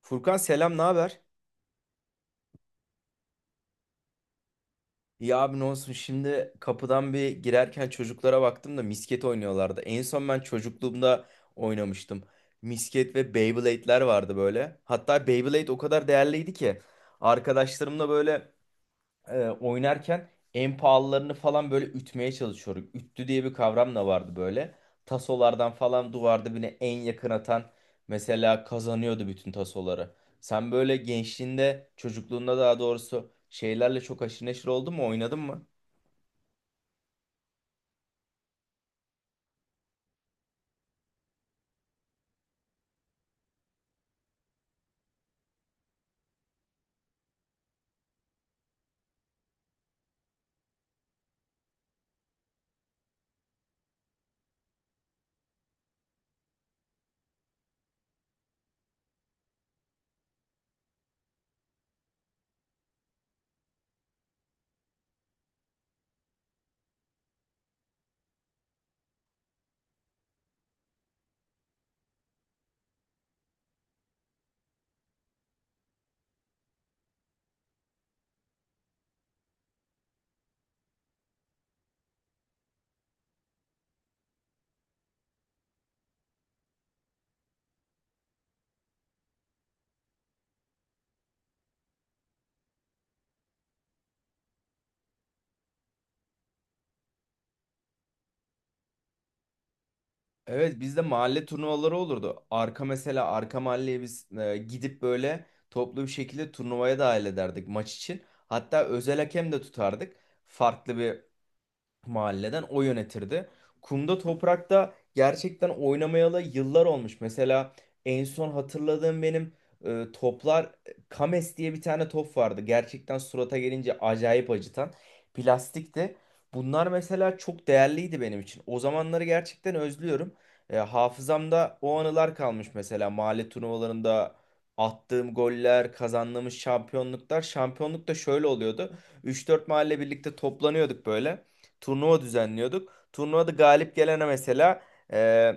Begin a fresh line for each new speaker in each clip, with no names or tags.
Furkan selam, ne haber? Ya abi ne olsun şimdi kapıdan bir girerken çocuklara baktım da misket oynuyorlardı. En son ben çocukluğumda oynamıştım. Misket ve Beyblade'ler vardı böyle. Hatta Beyblade o kadar değerliydi ki arkadaşlarımla böyle oynarken en pahalılarını falan böyle ütmeye çalışıyorum. Üttü diye bir kavram da vardı böyle. Tasolardan falan duvarda birine en yakın atan mesela kazanıyordu bütün tasoları. Sen böyle gençliğinde, çocukluğunda daha doğrusu şeylerle çok haşır neşir oldun mu, oynadın mı? Evet, bizde mahalle turnuvaları olurdu. Arka mesela arka mahalleye biz gidip böyle toplu bir şekilde turnuvaya dahil ederdik maç için. Hatta özel hakem de tutardık. Farklı bir mahalleden o yönetirdi. Kumda toprakta gerçekten oynamayalı yıllar olmuş. Mesela en son hatırladığım benim toplar Kames diye bir tane top vardı. Gerçekten surata gelince acayip acıtan plastikti. Bunlar mesela çok değerliydi benim için. O zamanları gerçekten özlüyorum. Hafızamda o anılar kalmış, mesela mahalle turnuvalarında attığım goller, kazandığımız şampiyonluklar. Şampiyonluk da şöyle oluyordu: 3-4 mahalle birlikte toplanıyorduk, böyle turnuva düzenliyorduk. Turnuvada galip gelene mesela e,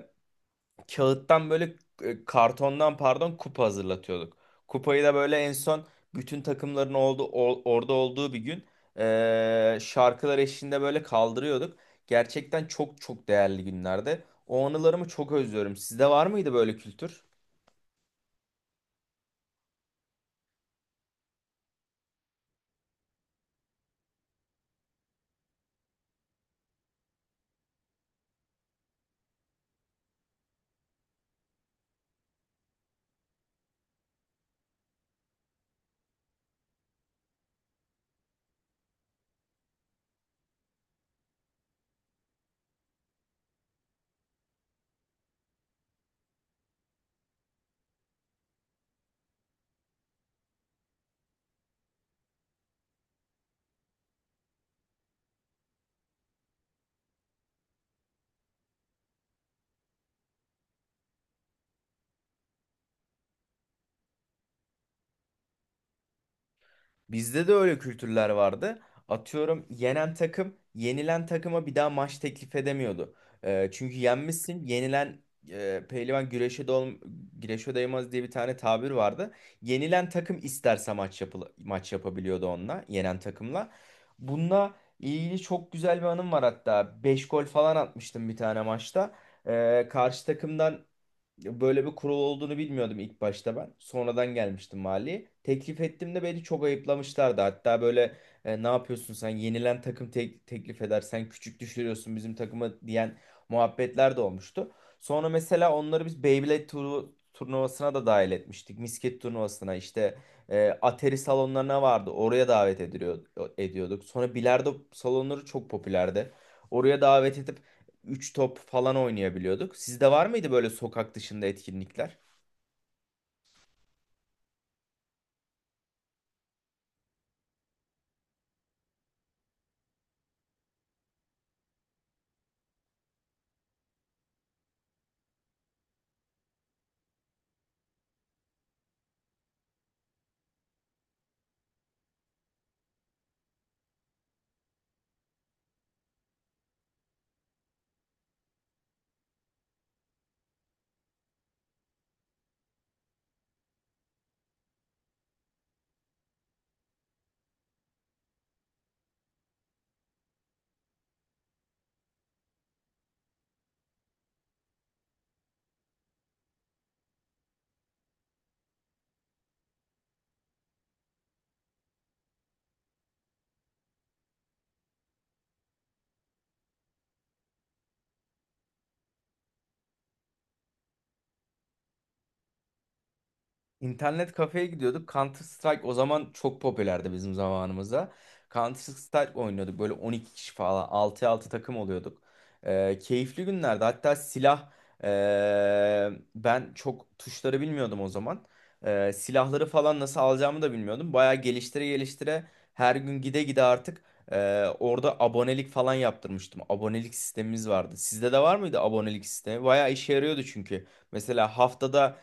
kağıttan böyle kartondan, pardon, kupa hazırlatıyorduk. Kupayı da böyle en son bütün takımların orada olduğu bir gün şarkılar eşliğinde böyle kaldırıyorduk. Gerçekten çok çok değerli günlerde. O anılarımı çok özlüyorum. Sizde var mıydı böyle kültür? Bizde de öyle kültürler vardı. Atıyorum, yenen takım yenilen takıma bir daha maç teklif edemiyordu. Çünkü yenmişsin. Yenilen pehlivan güreşe, güreşe doymaz diye bir tane tabir vardı. Yenilen takım isterse maç yapabiliyordu onunla, yenen takımla. Bununla ilgili çok güzel bir anım var hatta. 5 gol falan atmıştım bir tane maçta. Karşı takımdan böyle bir kurul olduğunu bilmiyordum ilk başta ben. Sonradan gelmiştim mali. Teklif ettim de beni çok ayıplamışlardı. Hatta böyle ne yapıyorsun sen, yenilen takım teklif edersen küçük düşürüyorsun bizim takımı diyen muhabbetler de olmuştu. Sonra mesela onları biz Beyblade turu turnuvasına da dahil etmiştik. Misket turnuvasına, işte Atari salonlarına vardı. Oraya davet ediliyor, ediyorduk. Sonra bilardo salonları çok popülerdi. Oraya davet edip üç top falan oynayabiliyorduk. Sizde var mıydı böyle sokak dışında etkinlikler? İnternet kafeye gidiyorduk. Counter Strike o zaman çok popülerdi bizim zamanımızda. Counter Strike oynuyorduk. Böyle 12 kişi falan 6'ya 6 takım oluyorduk. Keyifli günlerdi. Hatta silah ee, ben çok tuşları bilmiyordum o zaman. Silahları falan nasıl alacağımı da bilmiyordum. Bayağı geliştire geliştire, her gün gide gide artık orada abonelik falan yaptırmıştım. Abonelik sistemimiz vardı. Sizde de var mıydı abonelik sistemi? Bayağı işe yarıyordu çünkü. Mesela haftada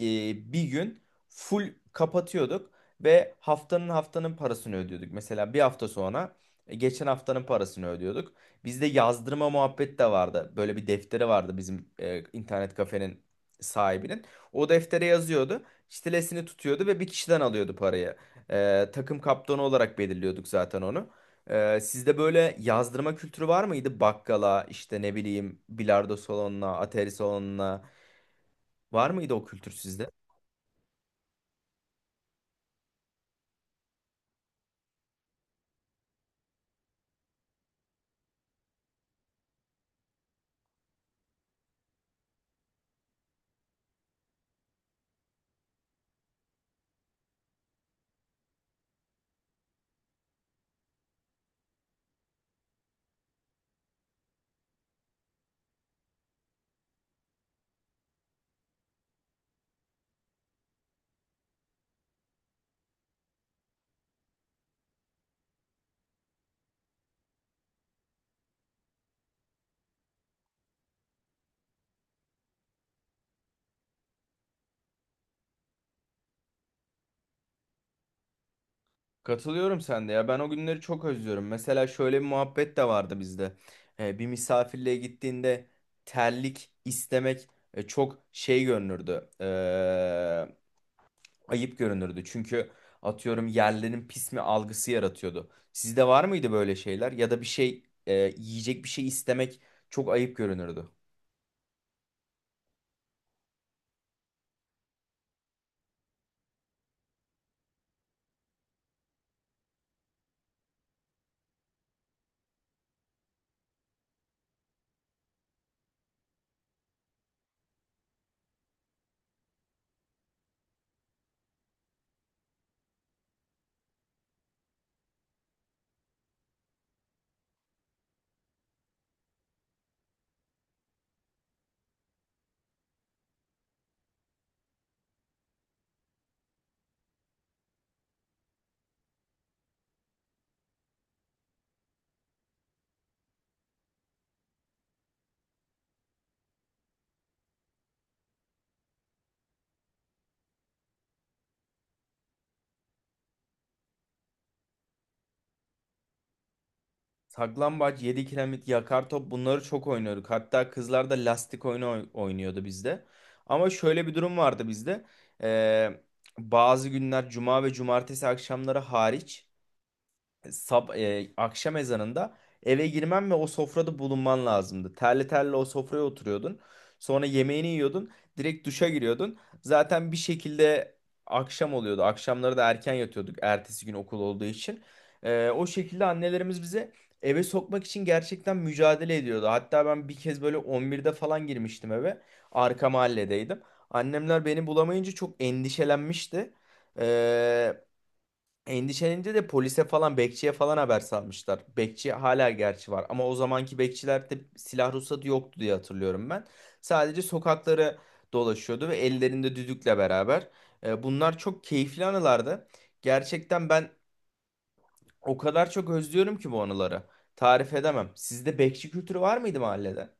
bir gün full kapatıyorduk ve haftanın parasını ödüyorduk. Mesela bir hafta sonra geçen haftanın parasını ödüyorduk. Bizde yazdırma muhabbet de vardı. Böyle bir defteri vardı bizim internet kafenin sahibinin. O deftere yazıyordu. Çitelesini tutuyordu ve bir kişiden alıyordu parayı. Takım kaptanı olarak belirliyorduk zaten onu. Sizde böyle yazdırma kültürü var mıydı? Bakkala, işte ne bileyim, bilardo salonuna, atari salonuna, var mıydı o kültür sizde? Katılıyorum sen de ya, ben o günleri çok özlüyorum. Mesela şöyle bir muhabbet de vardı bizde. Bir misafirliğe gittiğinde terlik istemek çok şey görünürdü. Ayıp görünürdü. Çünkü atıyorum yerlerin pis mi algısı yaratıyordu. Sizde var mıydı böyle şeyler? Ya da bir şey yiyecek bir şey istemek çok ayıp görünürdü. Saklambaç, 7 kiremit, yakar top, bunları çok oynuyorduk. Hatta kızlar da lastik oyunu oynuyordu bizde. Ama şöyle bir durum vardı bizde. Ee, Bazı günler, cuma ve cumartesi akşamları hariç, akşam ezanında eve girmen ve o sofrada bulunman lazımdı. Terli terli o sofraya oturuyordun. Sonra yemeğini yiyordun. Direkt duşa giriyordun. Zaten bir şekilde akşam oluyordu. Akşamları da erken yatıyorduk, ertesi gün okul olduğu için. O şekilde annelerimiz bize eve sokmak için gerçekten mücadele ediyordu. Hatta ben bir kez böyle 11'de falan girmiştim eve. Arka mahalledeydim. Annemler beni bulamayınca çok endişelenmişti. E, Endişelenince de polise falan, bekçiye falan haber salmışlar. Bekçi hala gerçi var ama o zamanki bekçilerde silah ruhsatı yoktu diye hatırlıyorum ben. Sadece sokakları dolaşıyordu ve ellerinde düdükle beraber. Bunlar çok keyifli anılardı. Gerçekten ben o kadar çok özlüyorum ki bu anıları. Tarif edemem. Sizde bekçi kültürü var mıydı mahallede?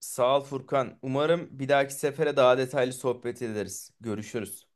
Sağ ol Furkan. Umarım bir dahaki sefere daha detaylı sohbet ederiz. Görüşürüz.